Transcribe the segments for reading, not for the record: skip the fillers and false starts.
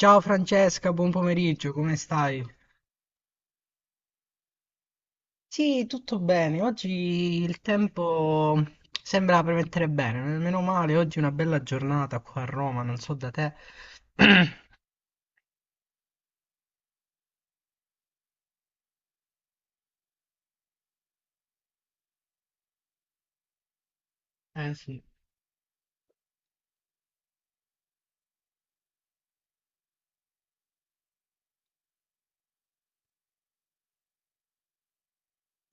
Ciao Francesca, buon pomeriggio, come stai? Sì, tutto bene. Oggi il tempo sembra premettere bene, meno male, oggi è una bella giornata qua a Roma, non so da te. Eh sì.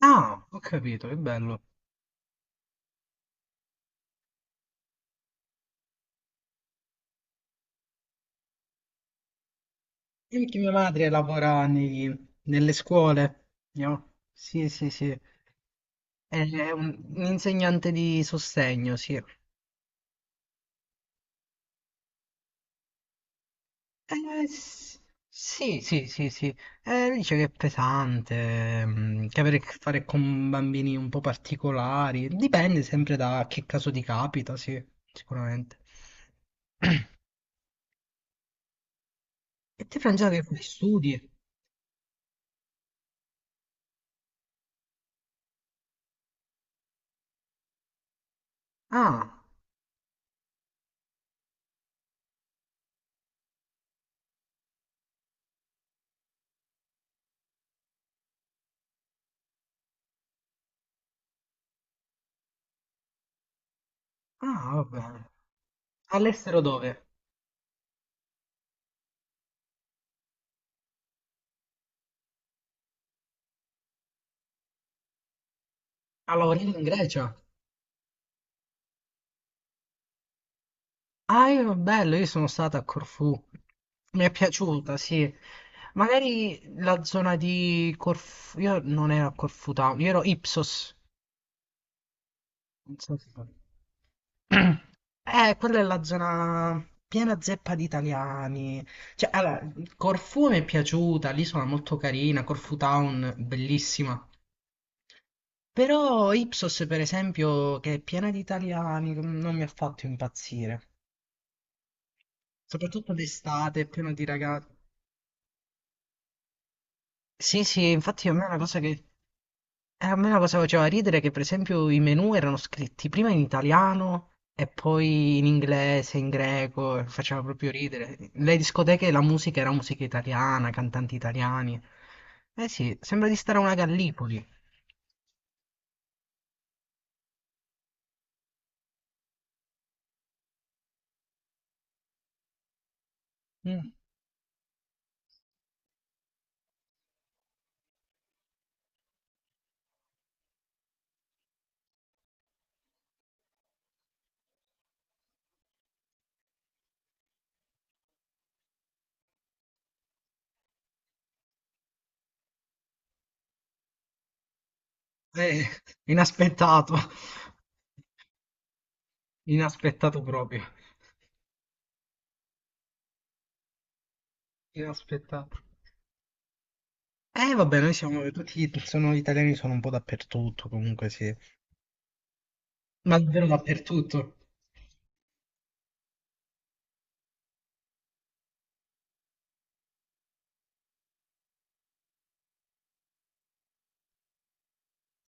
Ah, ho capito, che bello. E anche mia madre lavora nelle scuole, no? Sì, sì, sì. È un insegnante di sostegno, sì. Eh, s- sì, sì, sì, sì. Dice che è pesante, che avere a che fare con bambini un po' particolari. Dipende sempre da che caso ti capita, sì, sicuramente. E te, Francesca, che fai? Studi? Ah, ah, va bene. All'estero dove? A lavorare in Grecia? Ah, io, bello, io sono stata a Corfù. Mi è piaciuta, sì. Magari la zona di Corfù. Io non ero a Corfù Town, io ero Ipsos. Non so se poi- quella è la zona piena zeppa di italiani. Cioè, allora, Corfù mi è piaciuta, l'isola è molto carina, Corfu Town, bellissima. Però Ipsos, per esempio, che è piena di italiani, non mi ha fatto impazzire. Soprattutto d'estate, è pieno di ragazzi. Sì, sì, infatti a me è una cosa che... E a me la cosa faceva ridere che, per esempio, i menù erano scritti prima in italiano e poi in inglese, in greco, e faceva proprio ridere. Le discoteche, la musica era musica italiana, cantanti italiani. Eh sì, sembra di stare a una Gallipoli. Mm. Eh, inaspettato. Inaspettato proprio. Inaspettato. Eh vabbè, noi siamo tutti, sono italiani, sono un po' dappertutto, comunque sì. Ma davvero dappertutto.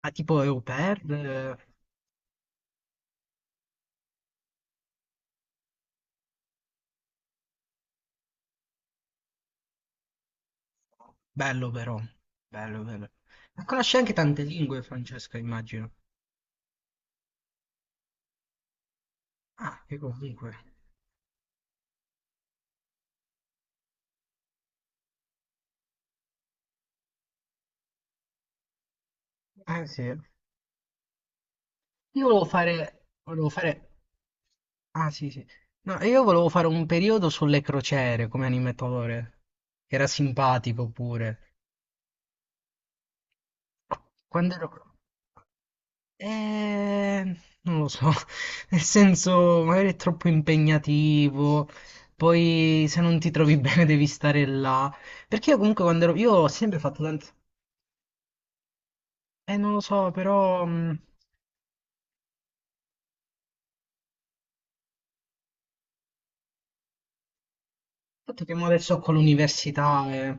Ah, tipo au pair, bello però, bello bello. Ma conosci anche tante lingue, Francesca, immagino. Ah, che comunque. Eh sì. Io volevo fare... Ah sì sì. No, io volevo fare un periodo sulle crociere come animatore. Che Era simpatico pure. Quando ero... Eh, non lo so, nel senso magari è troppo impegnativo, poi se non ti trovi bene devi stare là. Perché io comunque quando ero... Io ho sempre fatto tante... non lo so, però il fatto che mo adesso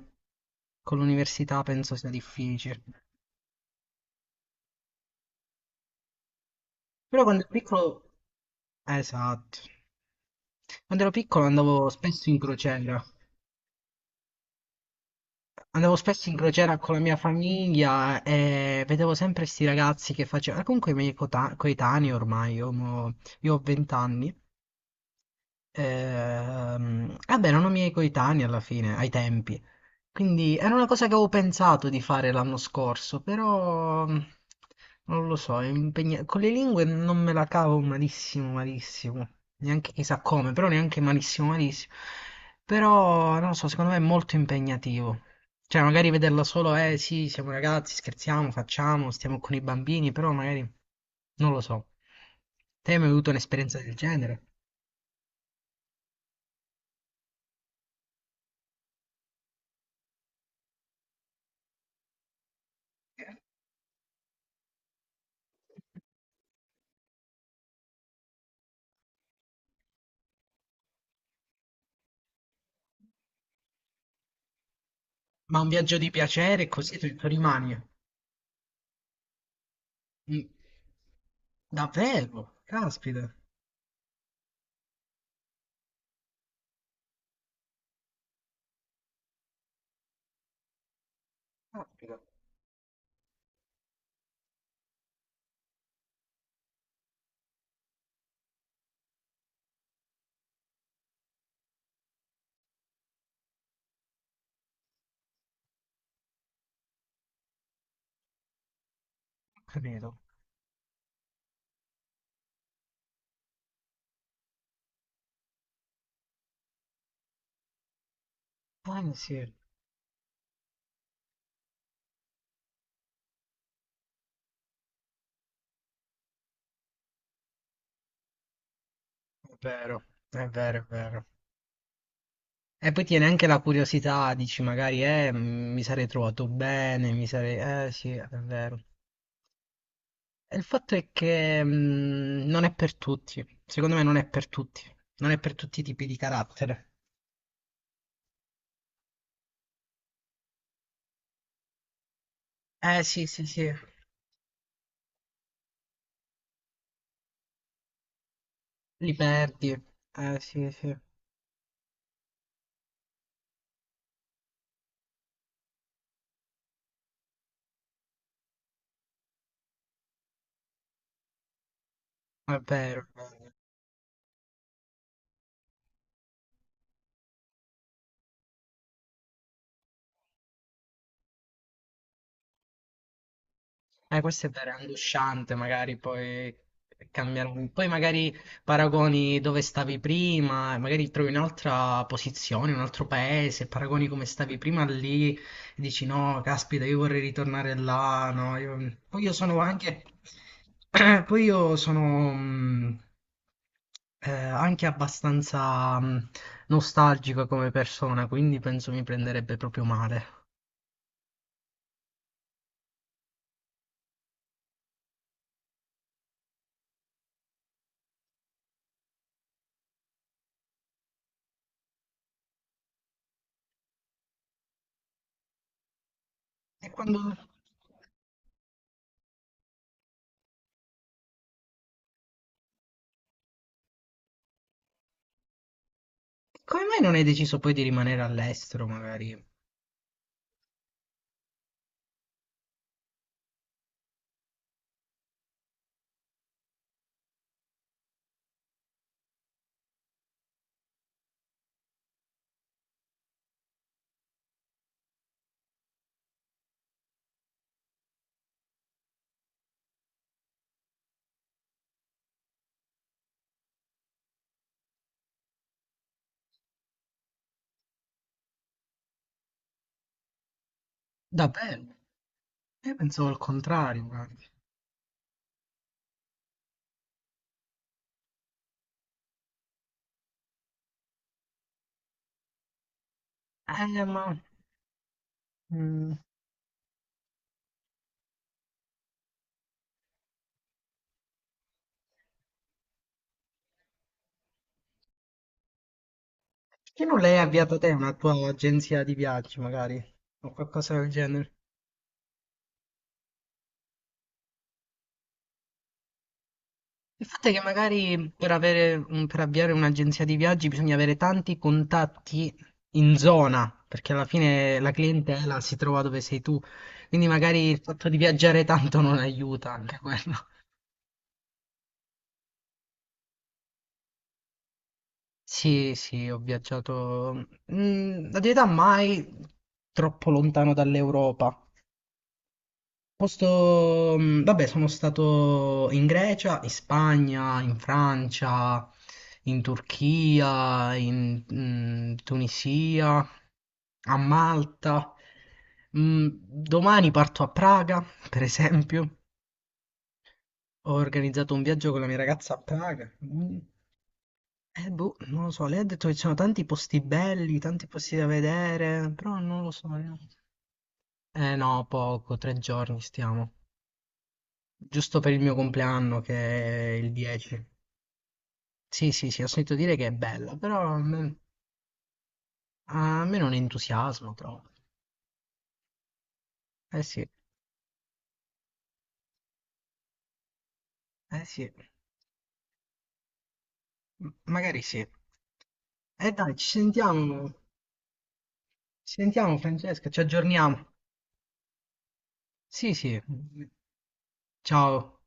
con l'università penso sia difficile. Però quando ero piccolo, esatto, quando ero piccolo andavo spesso in crociera. Andavo spesso in crociera con la mia famiglia e vedevo sempre questi ragazzi che facevano, comunque i miei coetanei ormai, io ho 20 anni, vabbè, erano miei coetanei alla fine, ai tempi. Quindi era una cosa che avevo pensato di fare l'anno scorso, però non lo so, con le lingue non me la cavo malissimo, malissimo. Neanche chissà come, però neanche malissimo, malissimo. Però non lo so, secondo me è molto impegnativo. Cioè, magari vederla solo, eh sì, siamo ragazzi, scherziamo, facciamo, stiamo con i bambini, però magari non lo so. Te hai mai avuto un'esperienza del genere? Ma un viaggio di piacere così tu rimani. Mm, davvero? Caspita, caspita, ho capito. Ah, sì, è vero, è vero, è vero. E poi tiene anche la curiosità, dici magari, mi sarei trovato bene, mi sarei... sì, è vero. E il fatto è che non è per tutti, secondo me non è per tutti, non è per tutti i tipi di carattere. Sì, sì, sì, li perdi. Sì, sì, è vero, è vero. Questo è vera, è angosciante, magari poi cambiare. Poi magari paragoni dove stavi prima, e magari trovi un'altra posizione, un altro paese, paragoni come stavi prima lì e dici no, caspita, io vorrei ritornare là, no, io- Poi io sono anche... Poi io sono... anche abbastanza nostalgico come persona, quindi penso mi prenderebbe proprio male. E quando... Come mai non hai deciso poi di rimanere all'estero, magari? Davvero? Io pensavo al contrario, guarda. Ma... mm, perché non l'hai avviata te una tua agenzia di viaggi, magari? O qualcosa del genere? Il fatto è che magari per avere, per avviare un'agenzia di viaggi bisogna avere tanti contatti in zona, perché alla fine la clientela si trova dove sei tu. Quindi magari il fatto di viaggiare tanto non aiuta anche quello. Sì, sì, ho viaggiato, mm, la verità mai troppo lontano dall'Europa. Posto, mm, vabbè, sono stato in Grecia, in Spagna, in Francia, in Turchia, in Tunisia, a Malta. Mm, domani parto a Praga, per esempio. Ho organizzato un viaggio con la mia ragazza a Praga. Mm. Boh, non lo so, lei ha detto che ci sono tanti posti belli, tanti posti da vedere, però non lo so. Io- Eh no, poco, tre giorni stiamo. Giusto per il mio compleanno che è il 10. Sì, sì, sì, ho sentito dire che è bella, però a me non entusiasmo troppo. Eh sì, eh sì, magari sì. Dai, ci sentiamo Francesca, ci aggiorniamo. Sì, sì, ciao.